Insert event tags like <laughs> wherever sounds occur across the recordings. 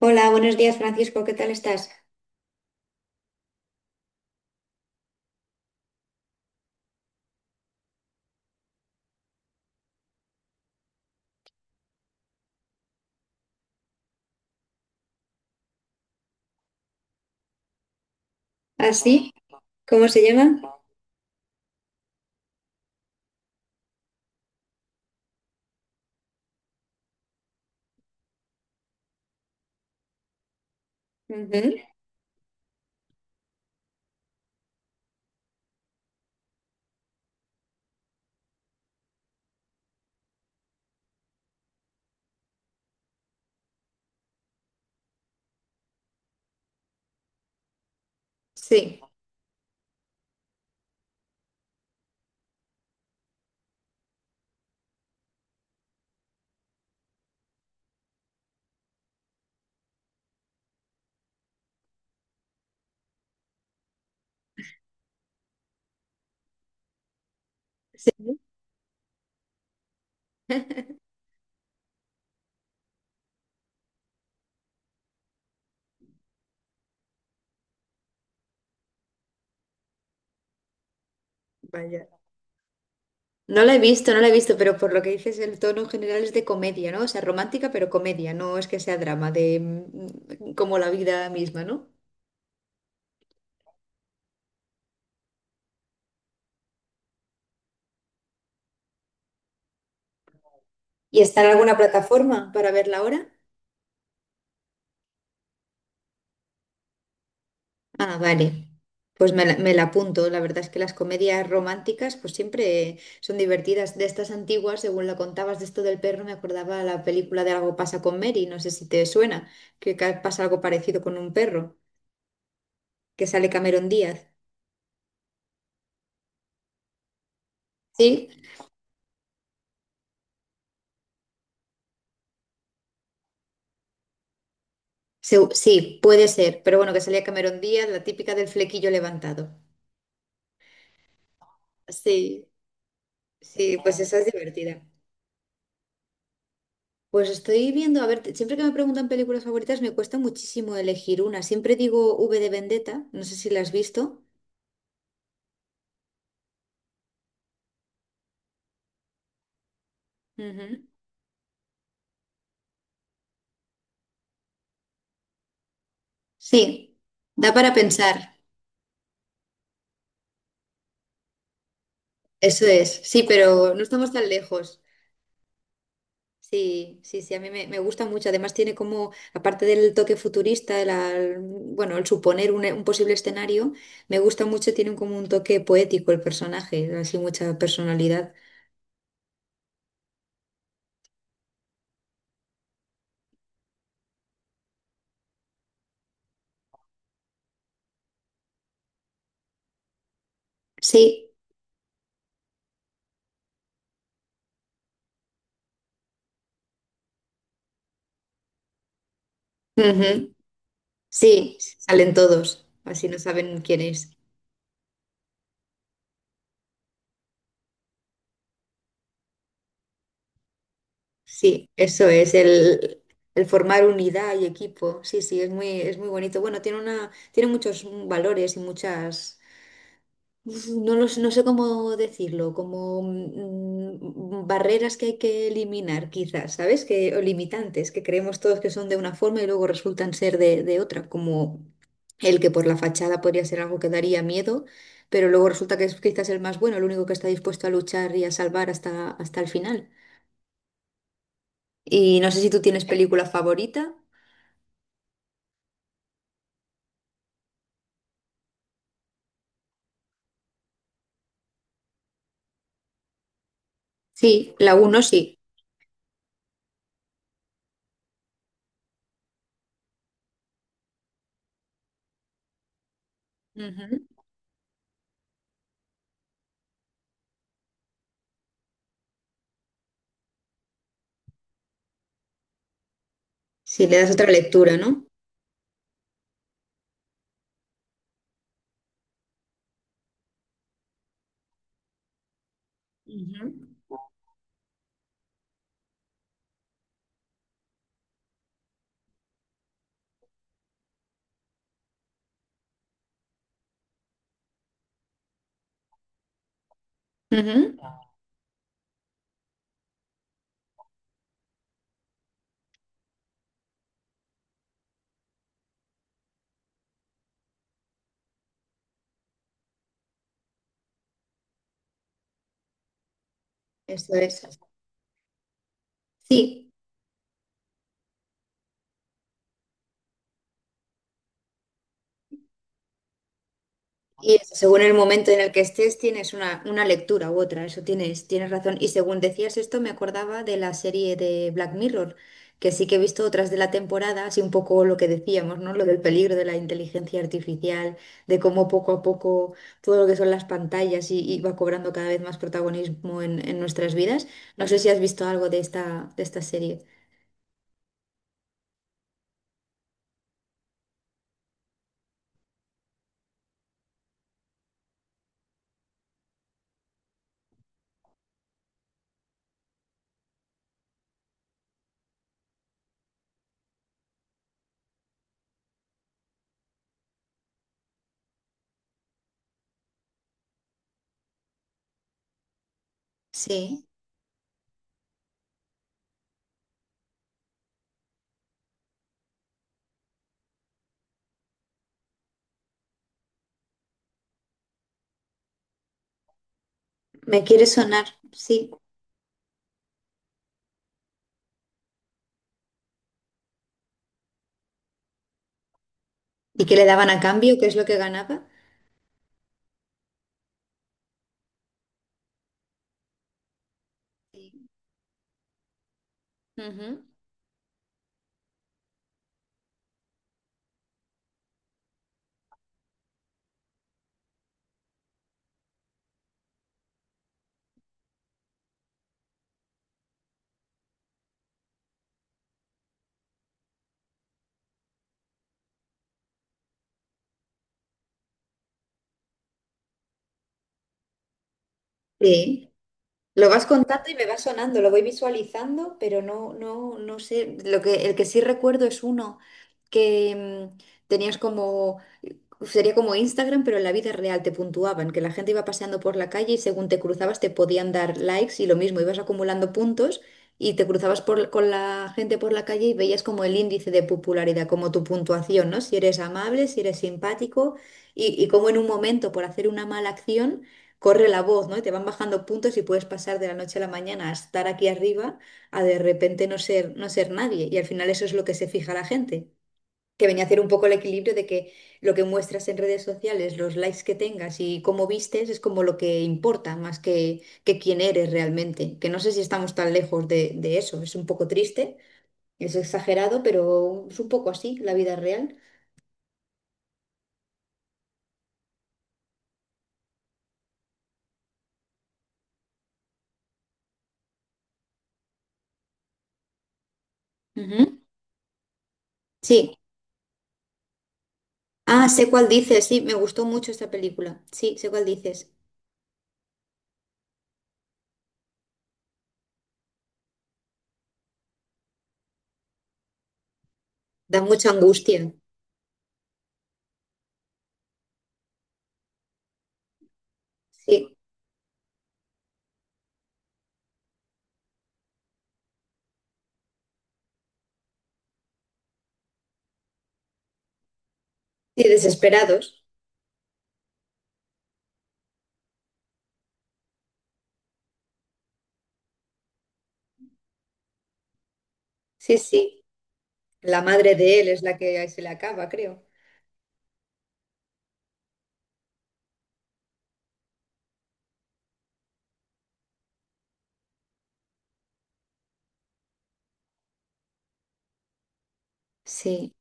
Hola, buenos días Francisco, ¿qué tal estás? ¿Así? ¿Cómo se llama? Ujú. Sí, sí. <laughs> Vaya. No la he visto, no la he visto, pero por lo que dices, el tono general es de comedia, ¿no? O sea, romántica, pero comedia, no es que sea drama, como la vida misma, ¿no? ¿Y está en alguna plataforma para verla ahora? Ah, vale. Pues me la apunto. La verdad es que las comedias románticas pues siempre son divertidas. De estas antiguas, según lo contabas de esto del perro, me acordaba la película de Algo pasa con Mary. No sé si te suena, pasa algo parecido con un perro, que sale Cameron Díaz. Sí, sí, puede ser. Pero bueno, que salía Cameron Díaz, la típica del flequillo levantado. Sí, sí, pues esa es divertida. Pues estoy viendo, a ver, siempre que me preguntan películas favoritas me cuesta muchísimo elegir una. Siempre digo V de Vendetta, no sé si la has visto. Ujú. Sí, da para pensar, eso es. Sí, pero no estamos tan lejos. Sí, sí, sí, a mí me gusta mucho. Además tiene como, aparte del toque futurista, bueno, el suponer un posible escenario, me gusta mucho, tiene como un toque poético el personaje, así mucha personalidad. Sí, ujú. Sí, salen todos, así no saben quién es. Sí, eso es, el formar unidad y equipo. Sí, sí, es muy bonito. Bueno, tiene una, tiene muchos valores y muchas, uf, no los, no sé cómo decirlo, como barreras que hay que eliminar, quizás, ¿sabes? Que, o limitantes, que creemos todos que son de una forma y luego resultan ser de otra, como el que por la fachada podría ser algo que daría miedo, pero luego resulta que es quizás el más bueno, el único que está dispuesto a luchar y a salvar hasta, hasta el final. Y no sé si tú tienes película favorita. Sí, la uno sí. Ujú. ¿Si le das otra lectura, no? Ujú. Ujú. Eso es. Sí. Y eso, según el momento en el que estés, tienes una lectura u otra, eso tienes, tienes razón. Y según decías esto, me acordaba de la serie de Black Mirror, que sí que he visto otras de la temporada, así un poco lo que decíamos, ¿no? Lo del peligro de la inteligencia artificial, de cómo poco a poco todo lo que son las pantallas y va cobrando cada vez más protagonismo en nuestras vidas. No sé si has visto algo de esta serie. Sí, me quiere sonar, sí. ¿Y qué le daban a cambio? ¿Qué es lo que ganaba? Sí. Ujú. Sí. Lo vas contando y me va sonando, lo voy visualizando, pero no, no, no sé. Lo que, el que sí recuerdo es uno que tenías como sería como Instagram, pero en la vida real te puntuaban, que la gente iba paseando por la calle y según te cruzabas te podían dar likes y lo mismo, ibas acumulando puntos y te cruzabas con la gente por la calle y veías como el índice de popularidad, como tu puntuación, ¿no? Si eres amable, si eres simpático y como en un momento por hacer una mala acción corre la voz, ¿no? Y te van bajando puntos y puedes pasar de la noche a la mañana a estar aquí arriba a de repente no ser, no ser nadie y al final eso es lo que se fija la gente que venía a hacer un poco el equilibrio de que lo que muestras en redes sociales, los likes que tengas y cómo vistes es como lo que importa más que quién eres realmente. Que no sé si estamos tan lejos de eso. Es un poco triste, es exagerado, pero es un poco así la vida real. Ujú. Sí. Ah, sé cuál dices. Sí, me gustó mucho esta película. Sí, sé cuál dices. Da mucha angustia. Sí. Sí, desesperados. Sí, sí. La madre de él es la que se le acaba, creo. Sí.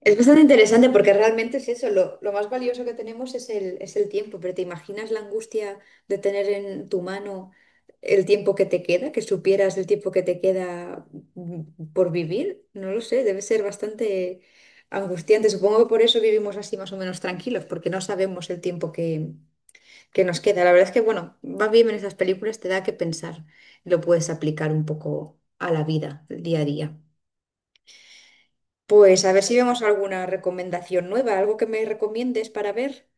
Es bastante interesante porque realmente es eso, lo más valioso que tenemos es el tiempo, pero ¿te imaginas la angustia de tener en tu mano el tiempo que te queda, que supieras el tiempo que te queda por vivir? No lo sé, debe ser bastante angustiante. Supongo que por eso vivimos así más o menos tranquilos, porque no sabemos el tiempo que nos queda. La verdad es que, bueno, va bien en esas películas, te da que pensar, lo puedes aplicar un poco a la vida, el día a día. Pues a ver si vemos alguna recomendación nueva, algo que me recomiendes para ver.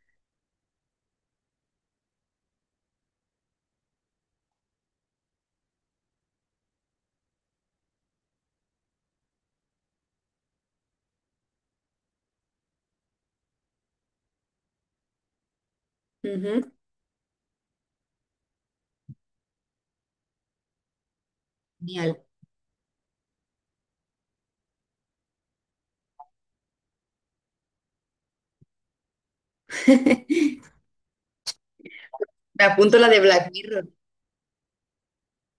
Ujú. Genial. <laughs> Me apunto la de Black Mirror.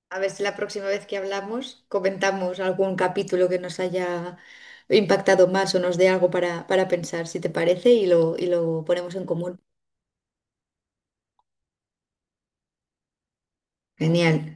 A ver si la próxima vez que hablamos comentamos algún capítulo que nos haya impactado más o nos dé algo para pensar, si te parece, y lo ponemos en común. Genial.